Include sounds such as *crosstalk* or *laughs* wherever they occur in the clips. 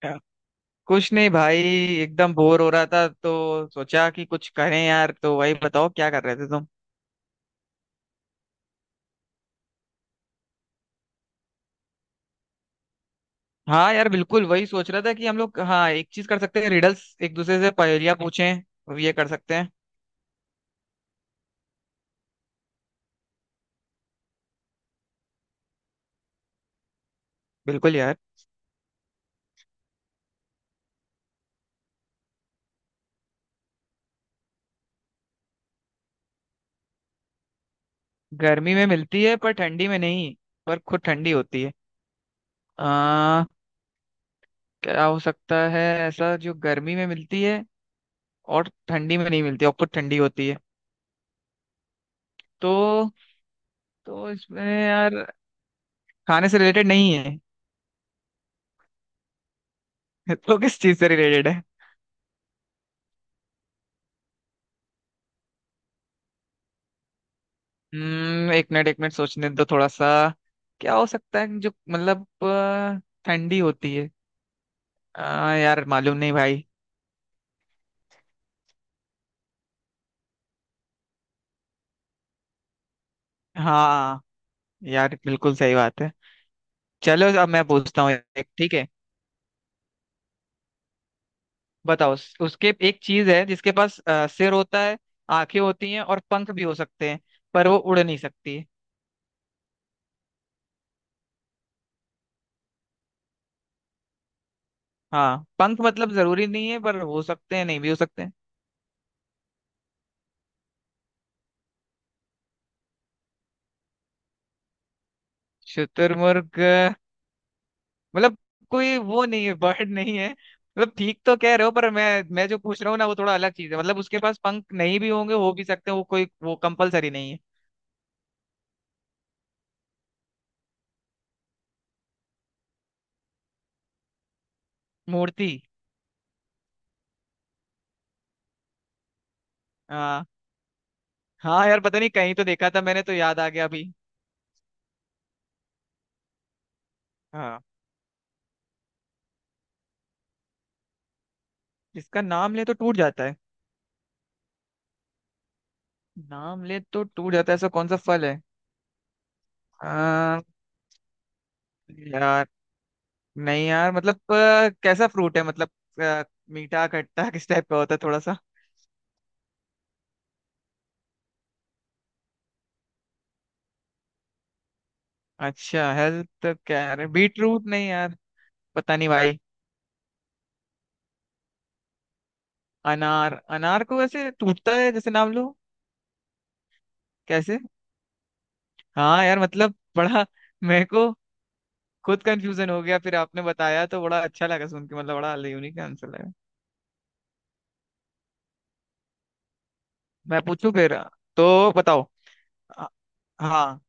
क्या? कुछ नहीं भाई। एकदम बोर हो रहा था तो सोचा कि कुछ करें यार। तो वही बताओ, क्या कर रहे थे तुम? हाँ यार, बिल्कुल वही सोच रहा था कि हम लोग, हाँ, एक चीज कर सकते हैं। रिडल्स, एक दूसरे से पहेलियां पूछें। अब ये कर सकते हैं। बिल्कुल यार। गर्मी में मिलती है पर ठंडी में नहीं। पर खुद ठंडी होती है। आ, क्या हो सकता है? ऐसा जो गर्मी में मिलती है और ठंडी में नहीं मिलती और खुद ठंडी होती है। तो तो इसमें यार, खाने से रिलेटेड नहीं है। *laughs* तो किस चीज से रिलेटेड है? एक मिनट एक मिनट, सोचने दो थोड़ा सा। क्या हो सकता है जो मतलब ठंडी होती है? यार मालूम नहीं भाई। हाँ यार, बिल्कुल सही बात है। चलो अब मैं पूछता हूँ एक, ठीक है? बताओ उसके, एक चीज है जिसके पास सिर होता है, आंखें होती हैं और पंख भी हो सकते हैं, पर वो उड़ नहीं सकती। हाँ, पंख मतलब जरूरी नहीं है पर हो सकते हैं, नहीं भी हो सकते हैं। शुतुरमुर्ग? मतलब कोई वो नहीं है, बर्ड नहीं है मतलब। ठीक तो कह रहे हो पर मैं जो पूछ रहा हूँ ना, वो थोड़ा अलग चीज है। मतलब उसके पास पंख नहीं भी होंगे, हो भी सकते हैं, वो कोई, वो कंपलसरी नहीं है। मूर्ति। हाँ। हाँ यार, पता नहीं, कहीं तो देखा था मैंने तो याद आ गया अभी। हाँ। जिसका नाम ले तो टूट जाता है? नाम ले तो टूट जाता है, ऐसा कौन सा फल है? आ, यार। नहीं यार, मतलब कैसा फ्रूट है मतलब? अ, मीठा, खट्टा, किस टाइप का होता है थोड़ा सा? अच्छा, हेल्थ क्या है, बीट रूट? नहीं यार, पता नहीं भाई। अनार? अनार को वैसे टूटता है जैसे नाम लो? कैसे? हाँ यार मतलब बड़ा *laughs* मेरे को खुद कंफ्यूजन हो गया, फिर आपने बताया तो बड़ा अच्छा लगा सुन के। मतलब बड़ा यूनिक आंसर लगा। मैं पूछूं फिर? तो बताओ। अ, हाँ।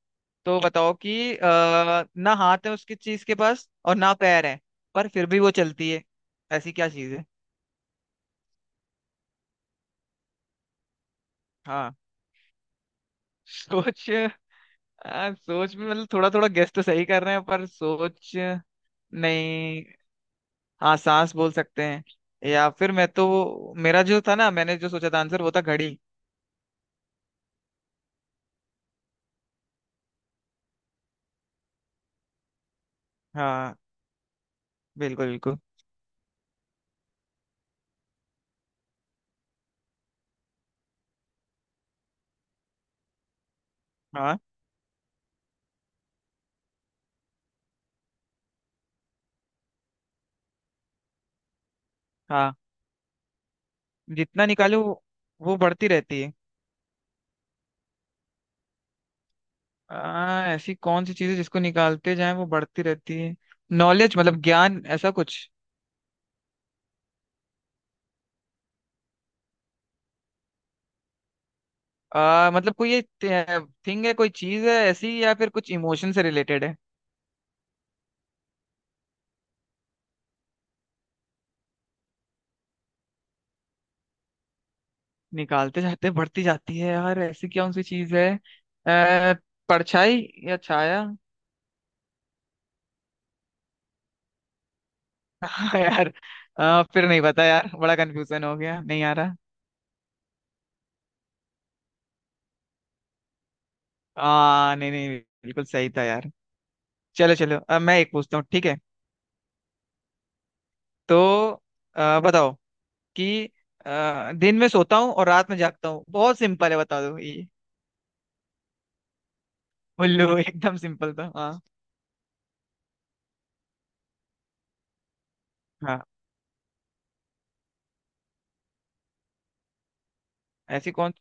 तो बताओ कि ना हाथ है उसकी चीज के पास और ना पैर है, पर फिर भी वो चलती है। ऐसी क्या चीज है? हाँ, सोच? सोच भी मतलब, थोड़ा थोड़ा गेस तो सही कर रहे हैं, पर सोच? नहीं। हाँ, सांस बोल सकते हैं, या फिर मैं तो, मेरा जो था ना, मैंने जो सोचा था आंसर, वो था घड़ी। हाँ, बिल्कुल बिल्कुल। हाँ। हाँ, जितना निकालो वो बढ़ती रहती है? ऐसी कौन सी चीज है जिसको निकालते जाएं वो बढ़ती रहती है? नॉलेज, मतलब ज्ञान, ऐसा कुछ? मतलब कोई ये थिंग है, कोई चीज है ऐसी, या फिर कुछ इमोशन से रिलेटेड है? निकालते जाते बढ़ती जाती है यार, ऐसी कौन सी चीज है? आ, परछाई, या छाया? *laughs* हाँ यार। फिर नहीं पता यार, बड़ा कंफ्यूजन हो गया, नहीं आ रहा। नहीं नहीं, बिल्कुल सही था यार। चलो, चलो अब मैं एक पूछता हूँ, ठीक है? तो बताओ कि दिन में सोता हूँ और रात में जागता हूँ, बहुत सिंपल है, बता दो ये। उल्लू। *laughs* एकदम सिंपल था, हाँ। हाँ। ऐसी कौन,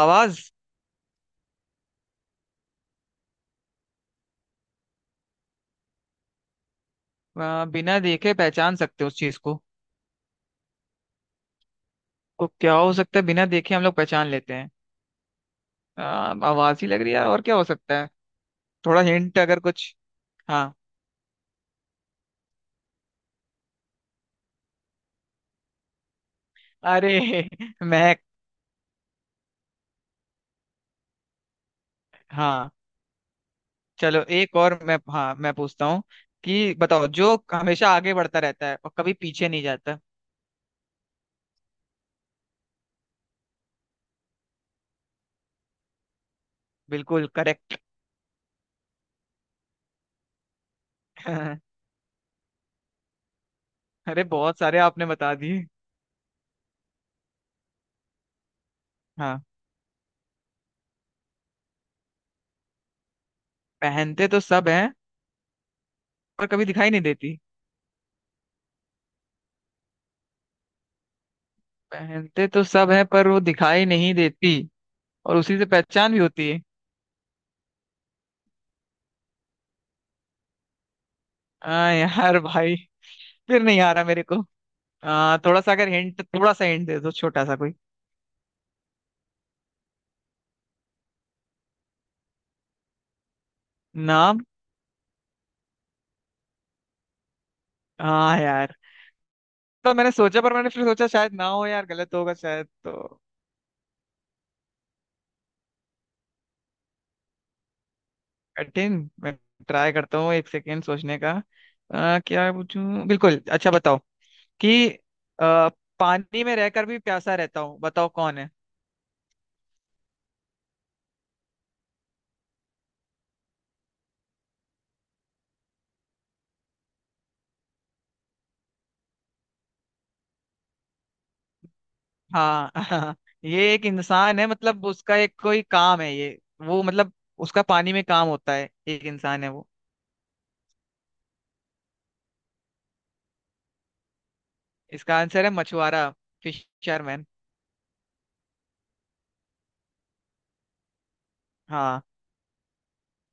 आवाज? बिना देखे पहचान सकते हो उस चीज को? तो क्या हो सकता है बिना देखे हम लोग पहचान लेते हैं? आ, आवाज ही लग रही है यार, और क्या हो सकता है? थोड़ा हिंट अगर कुछ? हाँ। अरे, *laughs* महक! हाँ। चलो एक और मैं, हाँ, मैं पूछता हूँ कि बताओ, जो हमेशा आगे बढ़ता रहता है और कभी पीछे नहीं जाता? बिल्कुल करेक्ट। *laughs* अरे बहुत सारे आपने बता दिए। हाँ। पहनते तो सब हैं पर कभी दिखाई नहीं देती। पहनते तो सब हैं पर वो दिखाई नहीं देती, और उसी से पहचान भी होती है। यार भाई, फिर नहीं आ रहा मेरे को। थोड़ा सा अगर हिंट, थोड़ा सा हिंट दे दो, छोटा सा कोई। नाम? हाँ यार, तो मैंने सोचा, पर मैंने फिर सोचा शायद ना हो यार, गलत होगा शायद, तो। कठिन? मैं ट्राई करता हूँ एक सेकेंड, सोचने का। क्या पूछूं? बिल्कुल, अच्छा बताओ कि अ, पानी में रहकर भी प्यासा रहता हूँ, बताओ कौन है? हाँ, *laughs* हाँ। ये एक इंसान है, मतलब उसका एक कोई काम है ये। वो मतलब, उसका पानी में काम होता है, एक इंसान है वो। इसका आंसर है मछुआरा। फिशरमैन। हाँ।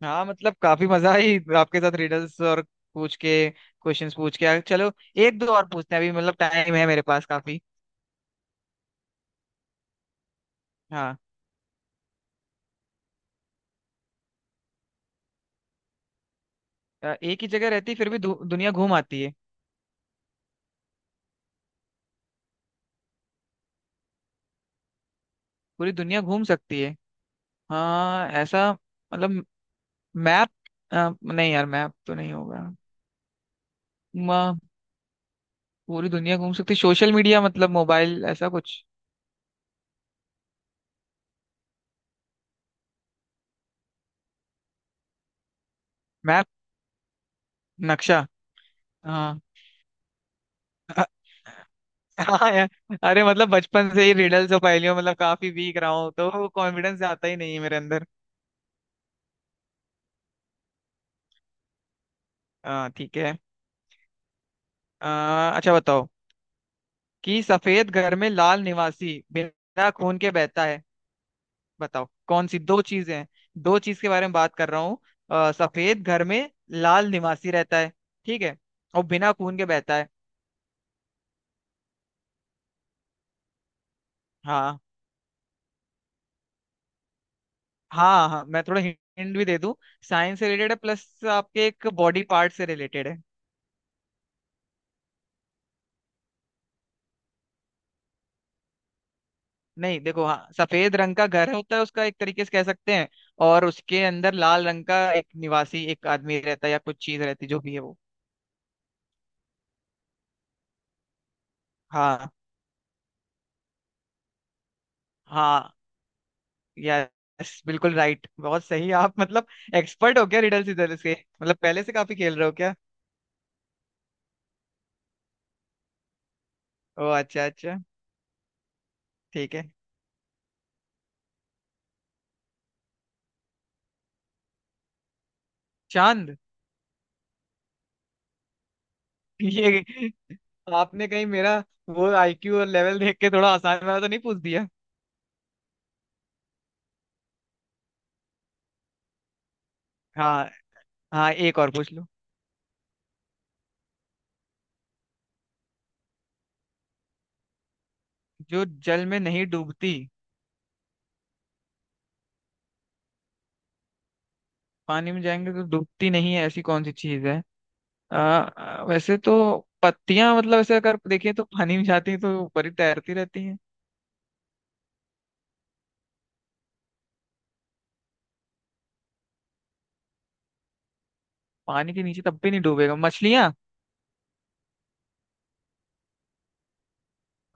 हाँ मतलब, काफी मजा आई आपके साथ रिडल्स और पूछ के, क्वेश्चंस पूछ के। चलो, एक दो और पूछते हैं अभी, मतलब टाइम है मेरे पास काफी। हाँ। एक ही जगह रहती फिर भी दुनिया घूम आती है? पूरी दुनिया घूम सकती है? हाँ, ऐसा? मतलब, मैप? नहीं यार, मैप तो नहीं होगा। म, पूरी दुनिया घूम सकती, सोशल मीडिया मतलब, मोबाइल, ऐसा कुछ? मैप, नक्शा। हाँ। *laughs* अ- हाँ यार। अरे मतलब, बचपन से ही रिडल्स और पहेलियों मतलब काफी वीक रहा हूँ, तो कॉन्फिडेंस आता ही नहीं है मेरे अंदर। हाँ ठीक है। अ, अच्छा बताओ कि सफेद घर में लाल निवासी, बिना खून के बहता है। बताओ कौन सी दो चीजें हैं? दो चीज के बारे में बात कर रहा हूँ। सफेद घर में लाल निवासी रहता है, ठीक है? और बिना खून के बहता है। हाँ हाँ, हाँ मैं थोड़ा हिंट भी दे दूं। साइंस से रिलेटेड है, प्लस आपके एक बॉडी पार्ट से रिलेटेड है। नहीं देखो, हाँ, सफेद रंग का घर होता है उसका एक तरीके से कह सकते हैं, और उसके अंदर लाल रंग का एक निवासी, एक आदमी रहता है या कुछ चीज रहती है, जो भी है वो। हाँ। हाँ, यस बिल्कुल राइट, बहुत सही आप मतलब, एक्सपर्ट हो क्या रिडल सिदल से? मतलब पहले से काफी खेल रहे हो क्या? ओ अच्छा अच्छा। ठीक है। चांद। *laughs* ये, आपने कहीं मेरा वो आईक्यू और लेवल देख के थोड़ा आसान वाला तो नहीं पूछ दिया? हाँ। हाँ, एक और पूछ लो। जो जल में नहीं डूबती? पानी में जाएंगे तो डूबती नहीं है, ऐसी कौन सी चीज है? वैसे तो, पत्तियां मतलब, ऐसे अगर देखें तो पानी में जाती हैं तो ऊपर ही तैरती रहती हैं। पानी के नीचे तब भी नहीं डूबेगा, मछलियां?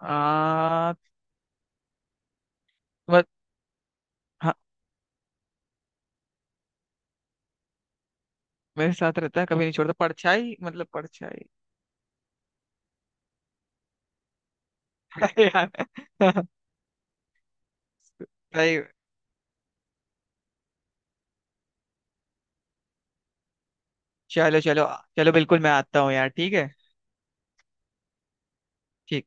आ, हाँ। मेरे साथ रहता है कभी नहीं छोड़ता, परछाई, मतलब परछाई। *laughs* अरे यार। *laughs* भाई, चलो चलो। चलो बिल्कुल, मैं आता हूँ यार, ठीक है। ठीक।